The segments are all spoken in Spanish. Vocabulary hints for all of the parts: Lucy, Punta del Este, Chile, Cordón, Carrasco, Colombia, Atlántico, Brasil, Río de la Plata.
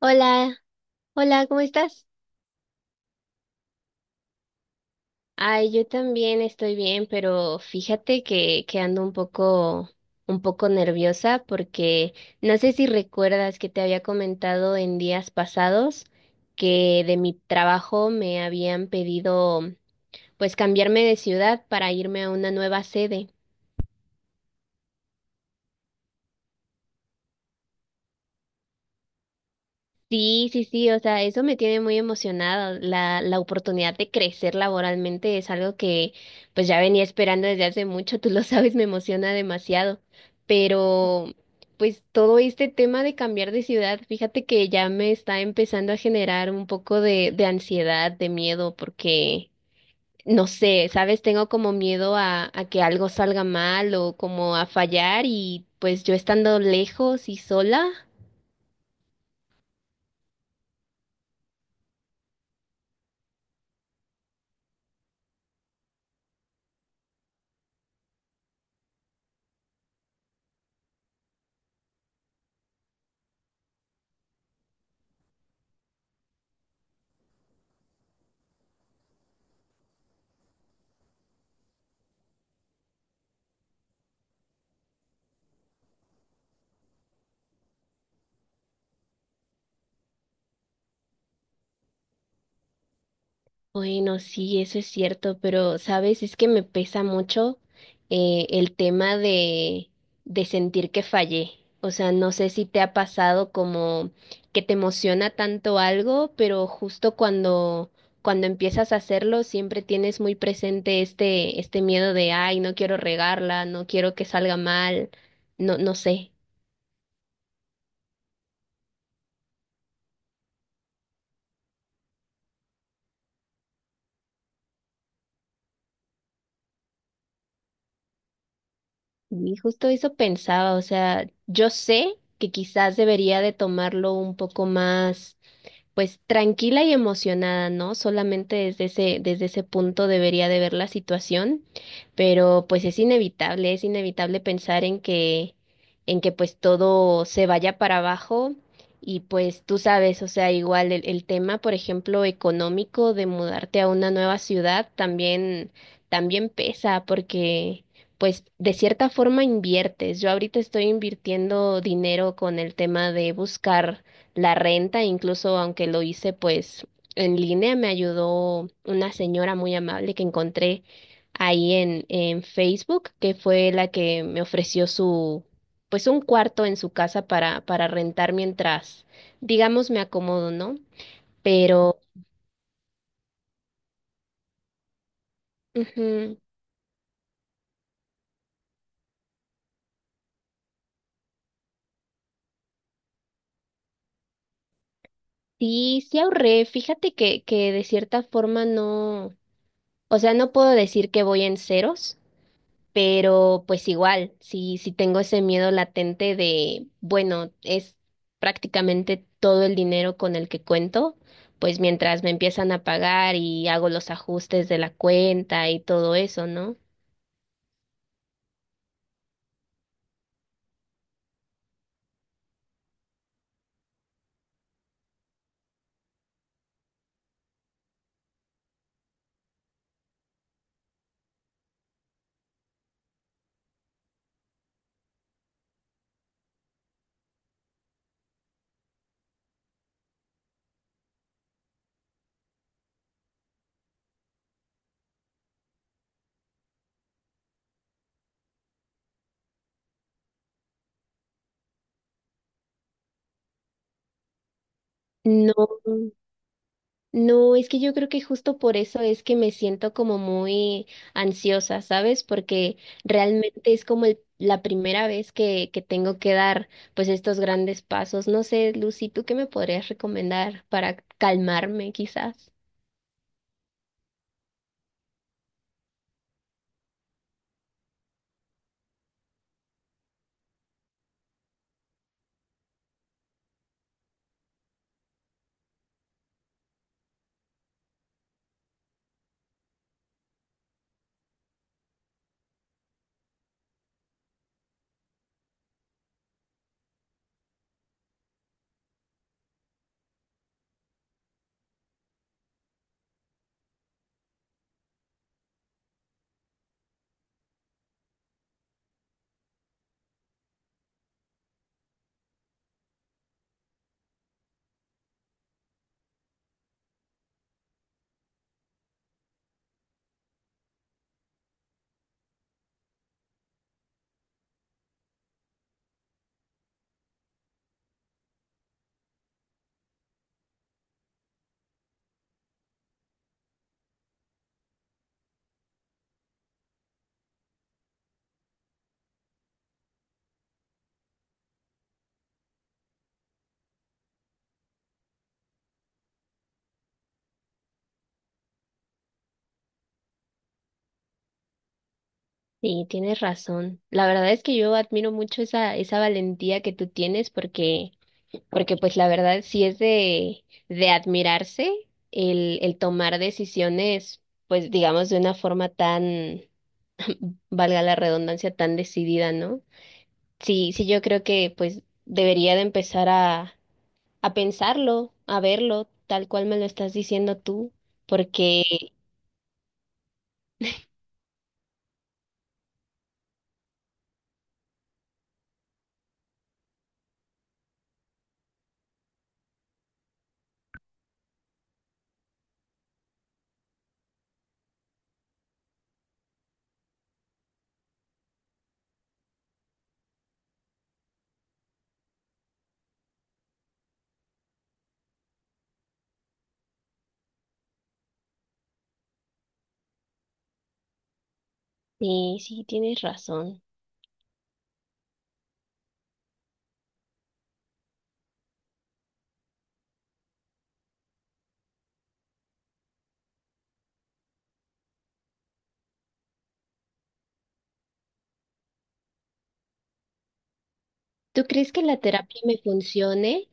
Hola, hola, ¿cómo estás? Ay, yo también estoy bien, pero fíjate que ando un poco nerviosa porque no sé si recuerdas que te había comentado en días pasados que de mi trabajo me habían pedido pues cambiarme de ciudad para irme a una nueva sede. Sí, sí, sí, o sea, eso me tiene muy emocionada. La oportunidad de crecer laboralmente es algo que pues ya venía esperando desde hace mucho, tú lo sabes, me emociona demasiado. Pero pues todo este tema de cambiar de ciudad, fíjate que ya me está empezando a generar un poco de ansiedad, de miedo, porque no sé, sabes, tengo como miedo a que algo salga mal o como a fallar y pues yo estando lejos y sola. Bueno, sí, eso es cierto, pero sabes, es que me pesa mucho el tema de sentir que fallé. O sea, no sé si te ha pasado como que te emociona tanto algo, pero justo cuando, cuando empiezas a hacerlo, siempre tienes muy presente este, este miedo de, ay, no quiero regarla, no quiero que salga mal, no, no sé. Y justo eso pensaba, o sea, yo sé que quizás debería de tomarlo un poco más pues tranquila y emocionada, ¿no? Solamente desde ese punto debería de ver la situación, pero pues es inevitable pensar en que pues todo se vaya para abajo y pues tú sabes, o sea, igual el tema, por ejemplo, económico de mudarte a una nueva ciudad también, también pesa porque pues de cierta forma inviertes. Yo ahorita estoy invirtiendo dinero con el tema de buscar la renta, incluso aunque lo hice pues en línea, me ayudó una señora muy amable que encontré ahí en Facebook, que fue la que me ofreció su, pues un cuarto en su casa para rentar mientras, digamos, me acomodo, ¿no? Pero ujú, sí, sí ahorré, fíjate que de cierta forma no, o sea, no puedo decir que voy en ceros. Pero pues igual, si tengo ese miedo latente de, bueno, es prácticamente todo el dinero con el que cuento, pues mientras me empiezan a pagar y hago los ajustes de la cuenta y todo eso, ¿no? No. No, es que yo creo que justo por eso es que me siento como muy ansiosa, ¿sabes? Porque realmente es como el- la primera vez que tengo que dar pues estos grandes pasos. No sé, Lucy, ¿tú qué me podrías recomendar para calmarme quizás? Sí, tienes razón. La verdad es que yo admiro mucho esa, esa valentía que tú tienes porque, porque pues la verdad sí es de admirarse el tomar decisiones, pues digamos de una forma tan, valga la redundancia, tan decidida, ¿no? Sí, sí, yo creo que pues debería de empezar a pensarlo, a verlo, tal cual me lo estás diciendo tú, porque sí, sí, tienes razón. ¿Tú crees que la terapia me funcione?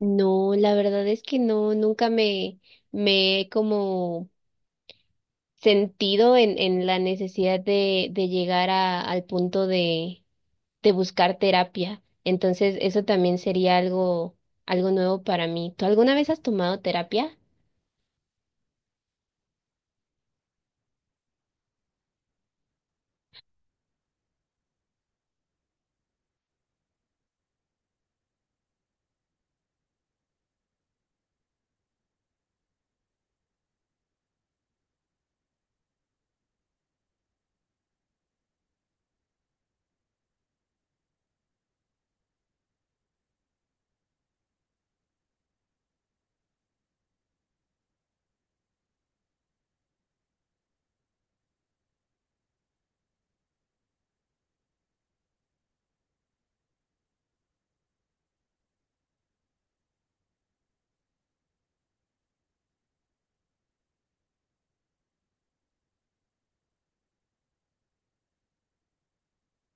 No, la verdad es que no, nunca me, me he como sentido en la necesidad de llegar a, al punto de buscar terapia. Entonces, eso también sería algo, algo nuevo para mí. ¿Tú alguna vez has tomado terapia?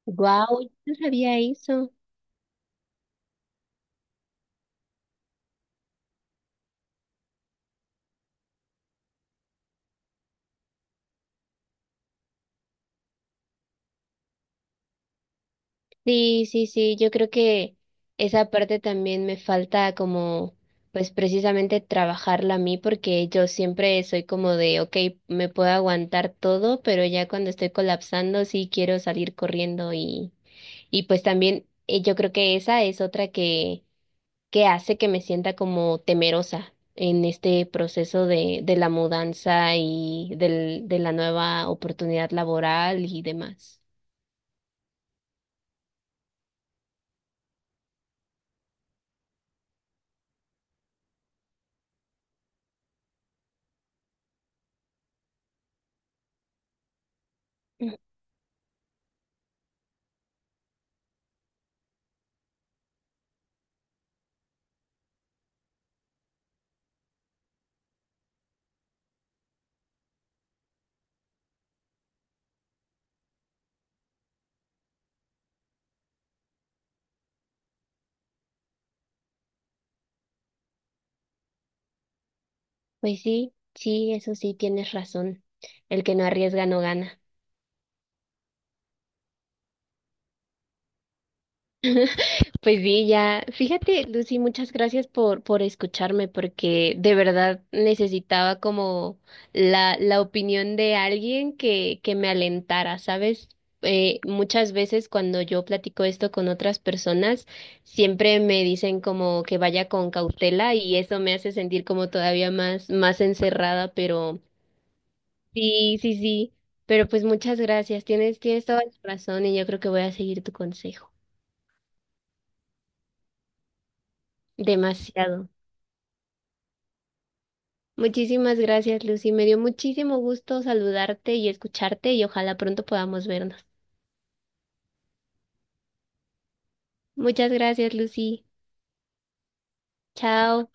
Wow, yo no sabía eso. Sí, sí, sí, yo creo que esa parte también me falta como, pues precisamente trabajarla a mí porque yo siempre soy como de, ok, me puedo aguantar todo, pero ya cuando estoy colapsando sí quiero salir corriendo y pues también yo creo que esa es otra que hace que me sienta como temerosa en este proceso de la mudanza y del, de la nueva oportunidad laboral y demás. Pues sí, sí, eso sí, tienes razón. El que no arriesga no gana. Pues sí, ya, fíjate, Lucy, muchas gracias por escucharme, porque de verdad necesitaba como la opinión de alguien que me alentara, ¿sabes? Muchas veces cuando yo platico esto con otras personas, siempre me dicen como que vaya con cautela y eso me hace sentir como todavía más, más encerrada, pero sí, sí, sí, pero pues muchas gracias, tienes, tienes toda la razón y yo creo que voy a seguir tu consejo. Demasiado. Muchísimas gracias, Lucy. Me dio muchísimo gusto saludarte y escucharte y ojalá pronto podamos vernos. Muchas gracias, Lucy. Chao.